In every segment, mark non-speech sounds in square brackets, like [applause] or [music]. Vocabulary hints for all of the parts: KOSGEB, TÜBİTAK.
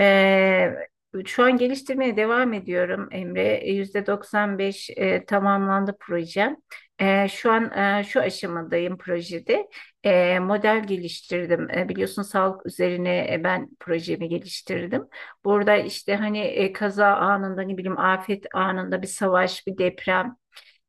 Ee, Şu an geliştirmeye devam ediyorum Emre. %95 tamamlandı projem. Şu an şu aşamadayım projede. Model geliştirdim. Biliyorsun sağlık üzerine ben projemi geliştirdim. Burada işte hani kaza anında ne bileyim afet anında bir savaş, bir deprem.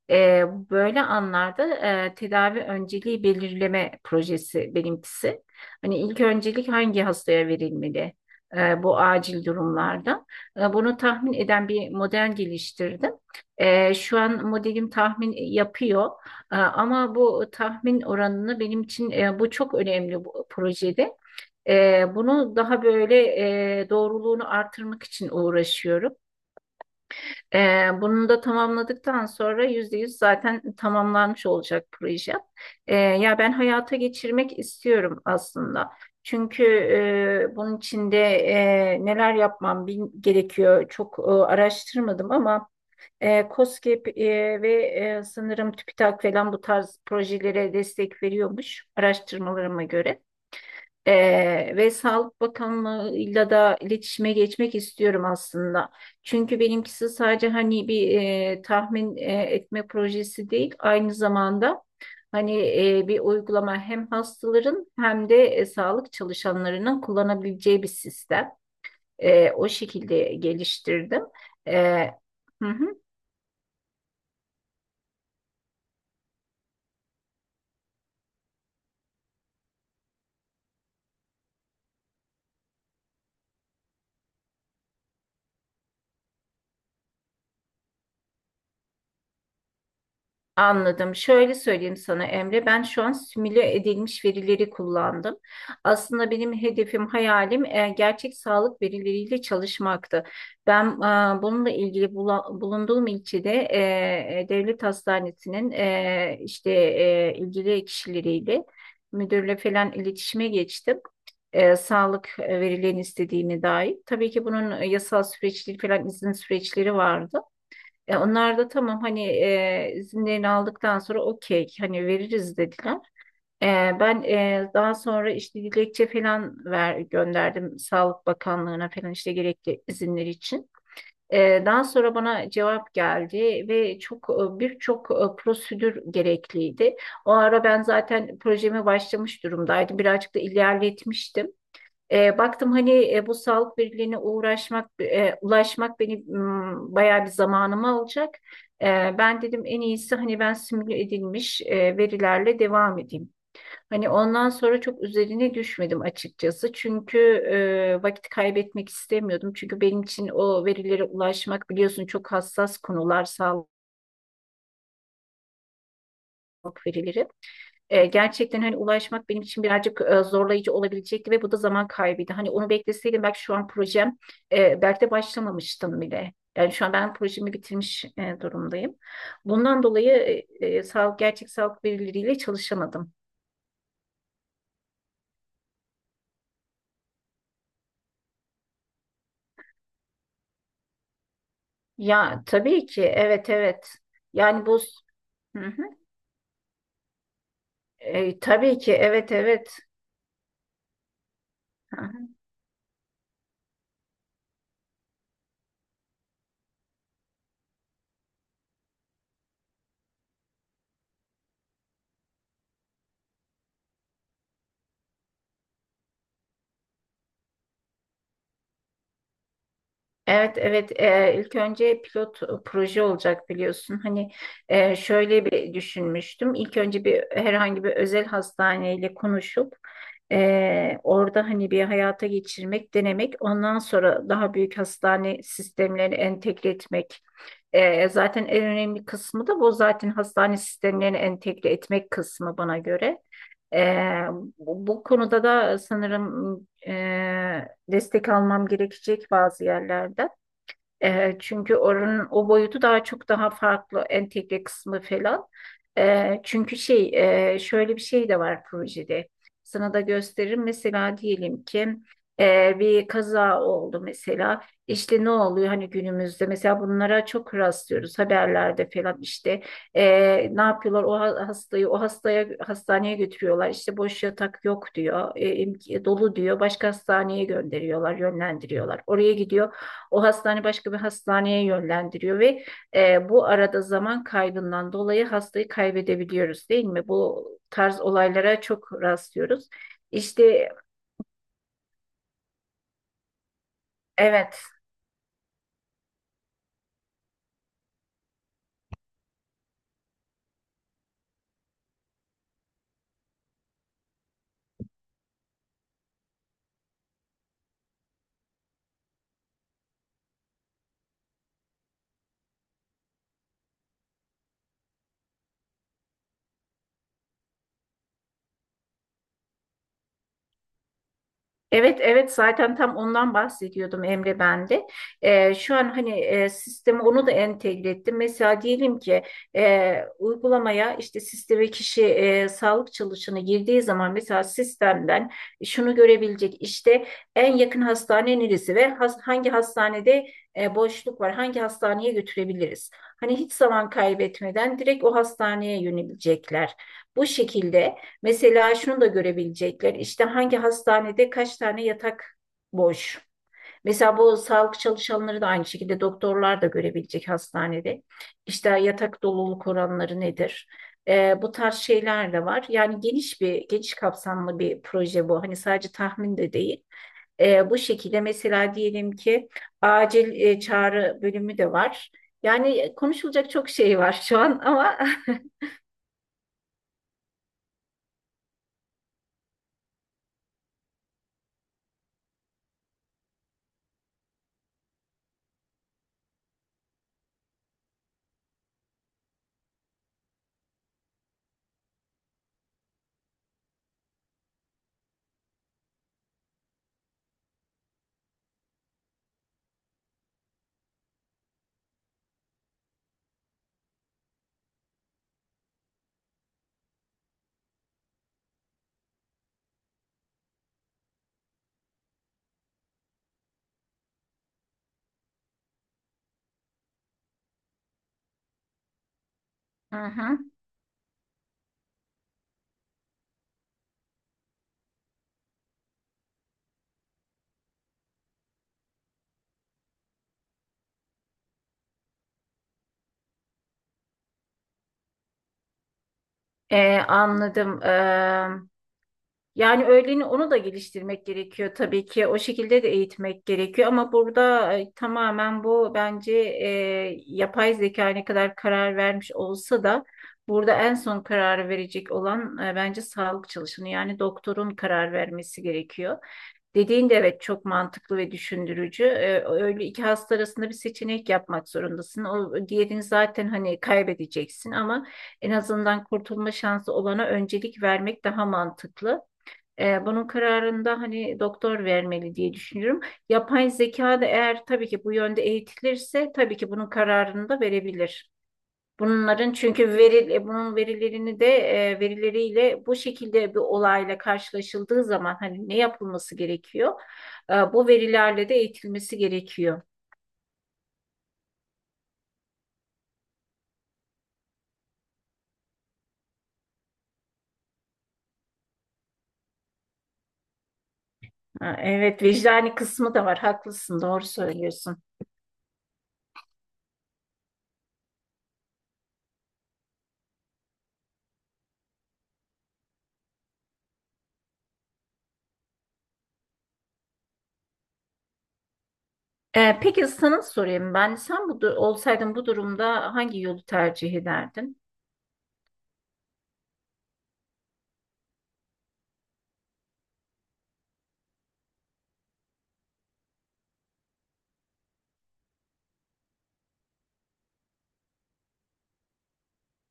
E, Böyle anlarda tedavi önceliği belirleme projesi benimkisi. Hani ilk öncelik hangi hastaya verilmeli bu acil durumlarda? Bunu tahmin eden bir model geliştirdim. Şu an modelim tahmin yapıyor. Ama bu tahmin oranını benim için bu çok önemli bu projede. Bunu daha böyle doğruluğunu artırmak için uğraşıyorum. Bunu da tamamladıktan sonra %100 zaten tamamlanmış olacak proje. Ya ben hayata geçirmek istiyorum aslında. Çünkü bunun içinde neler yapmam gerekiyor çok araştırmadım ama KOSGEB ve sanırım TÜBİTAK falan bu tarz projelere destek veriyormuş araştırmalarıma göre. Ve Sağlık Bakanlığı'yla da iletişime geçmek istiyorum aslında. Çünkü benimkisi sadece hani bir tahmin etme projesi değil, aynı zamanda hani bir uygulama hem hastaların hem de sağlık çalışanlarının kullanabileceği bir sistem. O şekilde geliştirdim. E, hı hı. Anladım. Şöyle söyleyeyim sana Emre, ben şu an simüle edilmiş verileri kullandım. Aslında benim hedefim, hayalim gerçek sağlık verileriyle çalışmaktı. Ben bununla ilgili bulunduğum ilçede devlet hastanesinin işte ilgili kişileriyle müdürle falan iletişime geçtim. Sağlık verilerini istediğine dair. Tabii ki bunun yasal süreçleri falan izin süreçleri vardı. Onlar da tamam hani izinlerini aldıktan sonra okey hani veririz dediler. E, Ben daha sonra işte dilekçe falan gönderdim Sağlık Bakanlığı'na falan işte gerekli izinler için. Daha sonra bana cevap geldi ve çok birçok prosedür gerekliydi. O ara ben zaten projeme başlamış durumdaydım. Birazcık da ilerletmiştim. Baktım hani bu sağlık birliğine uğraşmak, ulaşmak beni bayağı bir zamanımı alacak. E, Ben dedim en iyisi hani ben simüle edilmiş verilerle devam edeyim. Hani ondan sonra çok üzerine düşmedim açıkçası. Çünkü vakit kaybetmek istemiyordum. Çünkü benim için o verilere ulaşmak biliyorsun çok hassas konular sağlık verileri. Gerçekten hani ulaşmak benim için birazcık zorlayıcı olabilecekti ve bu da zaman kaybıydı. Hani onu bekleseydim belki şu an projem belki de başlamamıştım bile. Yani şu an ben projemi bitirmiş durumdayım. Bundan dolayı sağlık gerçek sağlık verileriyle çalışamadım. Ya tabii ki evet evet. Yani bu hı hı. Tabii ki evet evet. Evet, evet. İlk önce pilot proje olacak biliyorsun. Hani şöyle bir düşünmüştüm. İlk önce bir herhangi bir özel hastaneyle konuşup orada hani bir hayata geçirmek, denemek. Ondan sonra daha büyük hastane sistemlerini entegre etmek. Zaten en önemli kısmı da bu zaten hastane sistemlerini entegre etmek kısmı bana göre. Eee, bu konuda da sanırım destek almam gerekecek bazı yerlerden. Çünkü oranın o boyutu daha çok daha farklı entegre kısmı falan. Çünkü şey şöyle bir şey de var projede. Sana da gösteririm. Mesela diyelim ki bir kaza oldu mesela. İşte ne oluyor hani günümüzde mesela bunlara çok rastlıyoruz haberlerde falan işte. Ne yapıyorlar? O hastayı o hastaya hastaneye götürüyorlar. İşte boş yatak yok diyor. Dolu diyor, başka hastaneye gönderiyorlar, yönlendiriyorlar, oraya gidiyor. O hastane başka bir hastaneye yönlendiriyor ve bu arada zaman kaybından dolayı hastayı kaybedebiliyoruz değil mi? Bu tarz olaylara çok rastlıyoruz. İşte evet. Evet, evet zaten tam ondan bahsediyordum Emre ben de. Şu an hani sisteme onu da entegre ettim. Mesela diyelim ki uygulamaya işte sisteme kişi sağlık çalışanı girdiği zaman mesela sistemden şunu görebilecek, işte en yakın hastane neresi ve hangi hastanede boşluk var, hangi hastaneye götürebiliriz. Hani hiç zaman kaybetmeden direkt o hastaneye yönebilecekler. Bu şekilde. Mesela şunu da görebilecekler, İşte hangi hastanede kaç tane yatak boş. Mesela bu sağlık çalışanları da aynı şekilde doktorlar da görebilecek hastanede. İşte yatak doluluk oranları nedir? Bu tarz şeyler de var. Yani geniş kapsamlı bir proje bu. Hani sadece tahmin de değil. Bu şekilde mesela diyelim ki acil çağrı bölümü de var. Yani konuşulacak çok şey var şu an ama [laughs] Hı hı. Anladım. Yani öğleni onu da geliştirmek gerekiyor tabii ki. O şekilde de eğitmek gerekiyor ama burada tamamen bu bence yapay zeka ne kadar karar vermiş olsa da burada en son karar verecek olan bence sağlık çalışanı yani doktorun karar vermesi gerekiyor. Dediğin de evet çok mantıklı ve düşündürücü. Öyle iki hasta arasında bir seçenek yapmak zorundasın. O diğerini zaten hani kaybedeceksin ama en azından kurtulma şansı olana öncelik vermek daha mantıklı. Bunun kararında hani doktor vermeli diye düşünüyorum. Yapay zeka da eğer tabii ki bu yönde eğitilirse tabii ki bunun kararını da verebilir. Bunların çünkü bunun verilerini de verileriyle bu şekilde bir olayla karşılaşıldığı zaman hani ne yapılması gerekiyor? Bu verilerle de eğitilmesi gerekiyor. Ha, evet vicdani kısmı da var. Haklısın, doğru söylüyorsun. Peki sana sorayım ben. Sen olsaydın bu durumda hangi yolu tercih ederdin?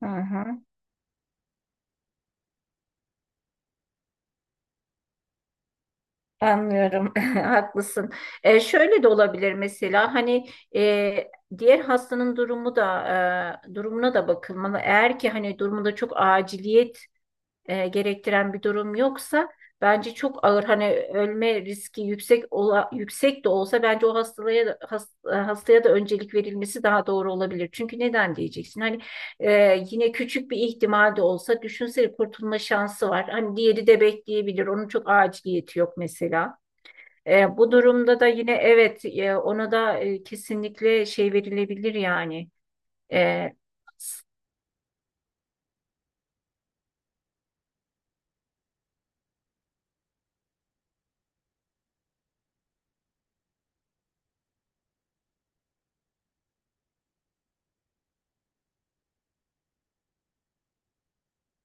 Hı hı. Anlıyorum, [laughs] haklısın. Şöyle de olabilir mesela hani e, diğer hastanın durumuna da bakılmalı. Eğer ki hani durumunda çok aciliyet gerektiren bir durum yoksa bence çok ağır hani ölme riski yüksek yüksek de olsa bence o hastaya da öncelik verilmesi daha doğru olabilir. Çünkü neden diyeceksin? Hani e, yine küçük bir ihtimal de olsa düşünsene kurtulma şansı var. Hani diğeri de bekleyebilir. Onun çok aciliyeti yok mesela. Bu durumda da yine evet ona da kesinlikle şey verilebilir yani. E, s-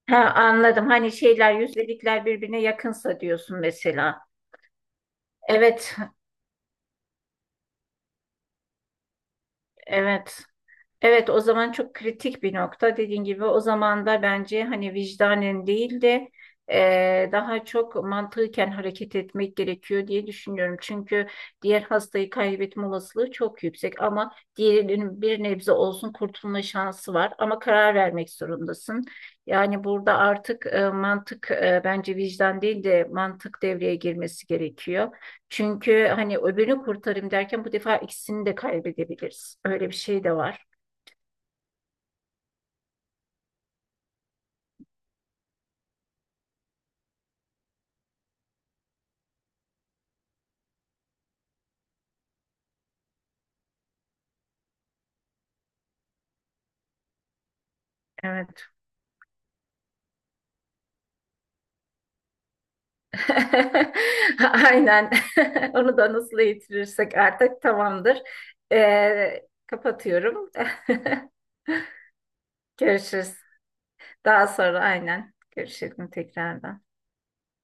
ha, anladım. Hani şeyler yüzdelikler birbirine yakınsa diyorsun mesela. Evet, evet. Evet, o zaman çok kritik bir nokta. Dediğin gibi o zaman da bence hani vicdanen değil de daha çok mantıken hareket etmek gerekiyor diye düşünüyorum. Çünkü diğer hastayı kaybetme olasılığı çok yüksek ama diğerinin bir nebze olsun kurtulma şansı var. Ama karar vermek zorundasın. Yani burada artık mantık bence vicdan değil de mantık devreye girmesi gerekiyor. Çünkü hani öbürünü kurtarayım derken bu defa ikisini de kaybedebiliriz. Öyle bir şey de var. Evet. [laughs] Aynen. [laughs] Onu da nasıl yitirirsek artık tamamdır. Kapatıyorum. [laughs] Görüşürüz. Daha sonra aynen. Görüşelim tekrardan.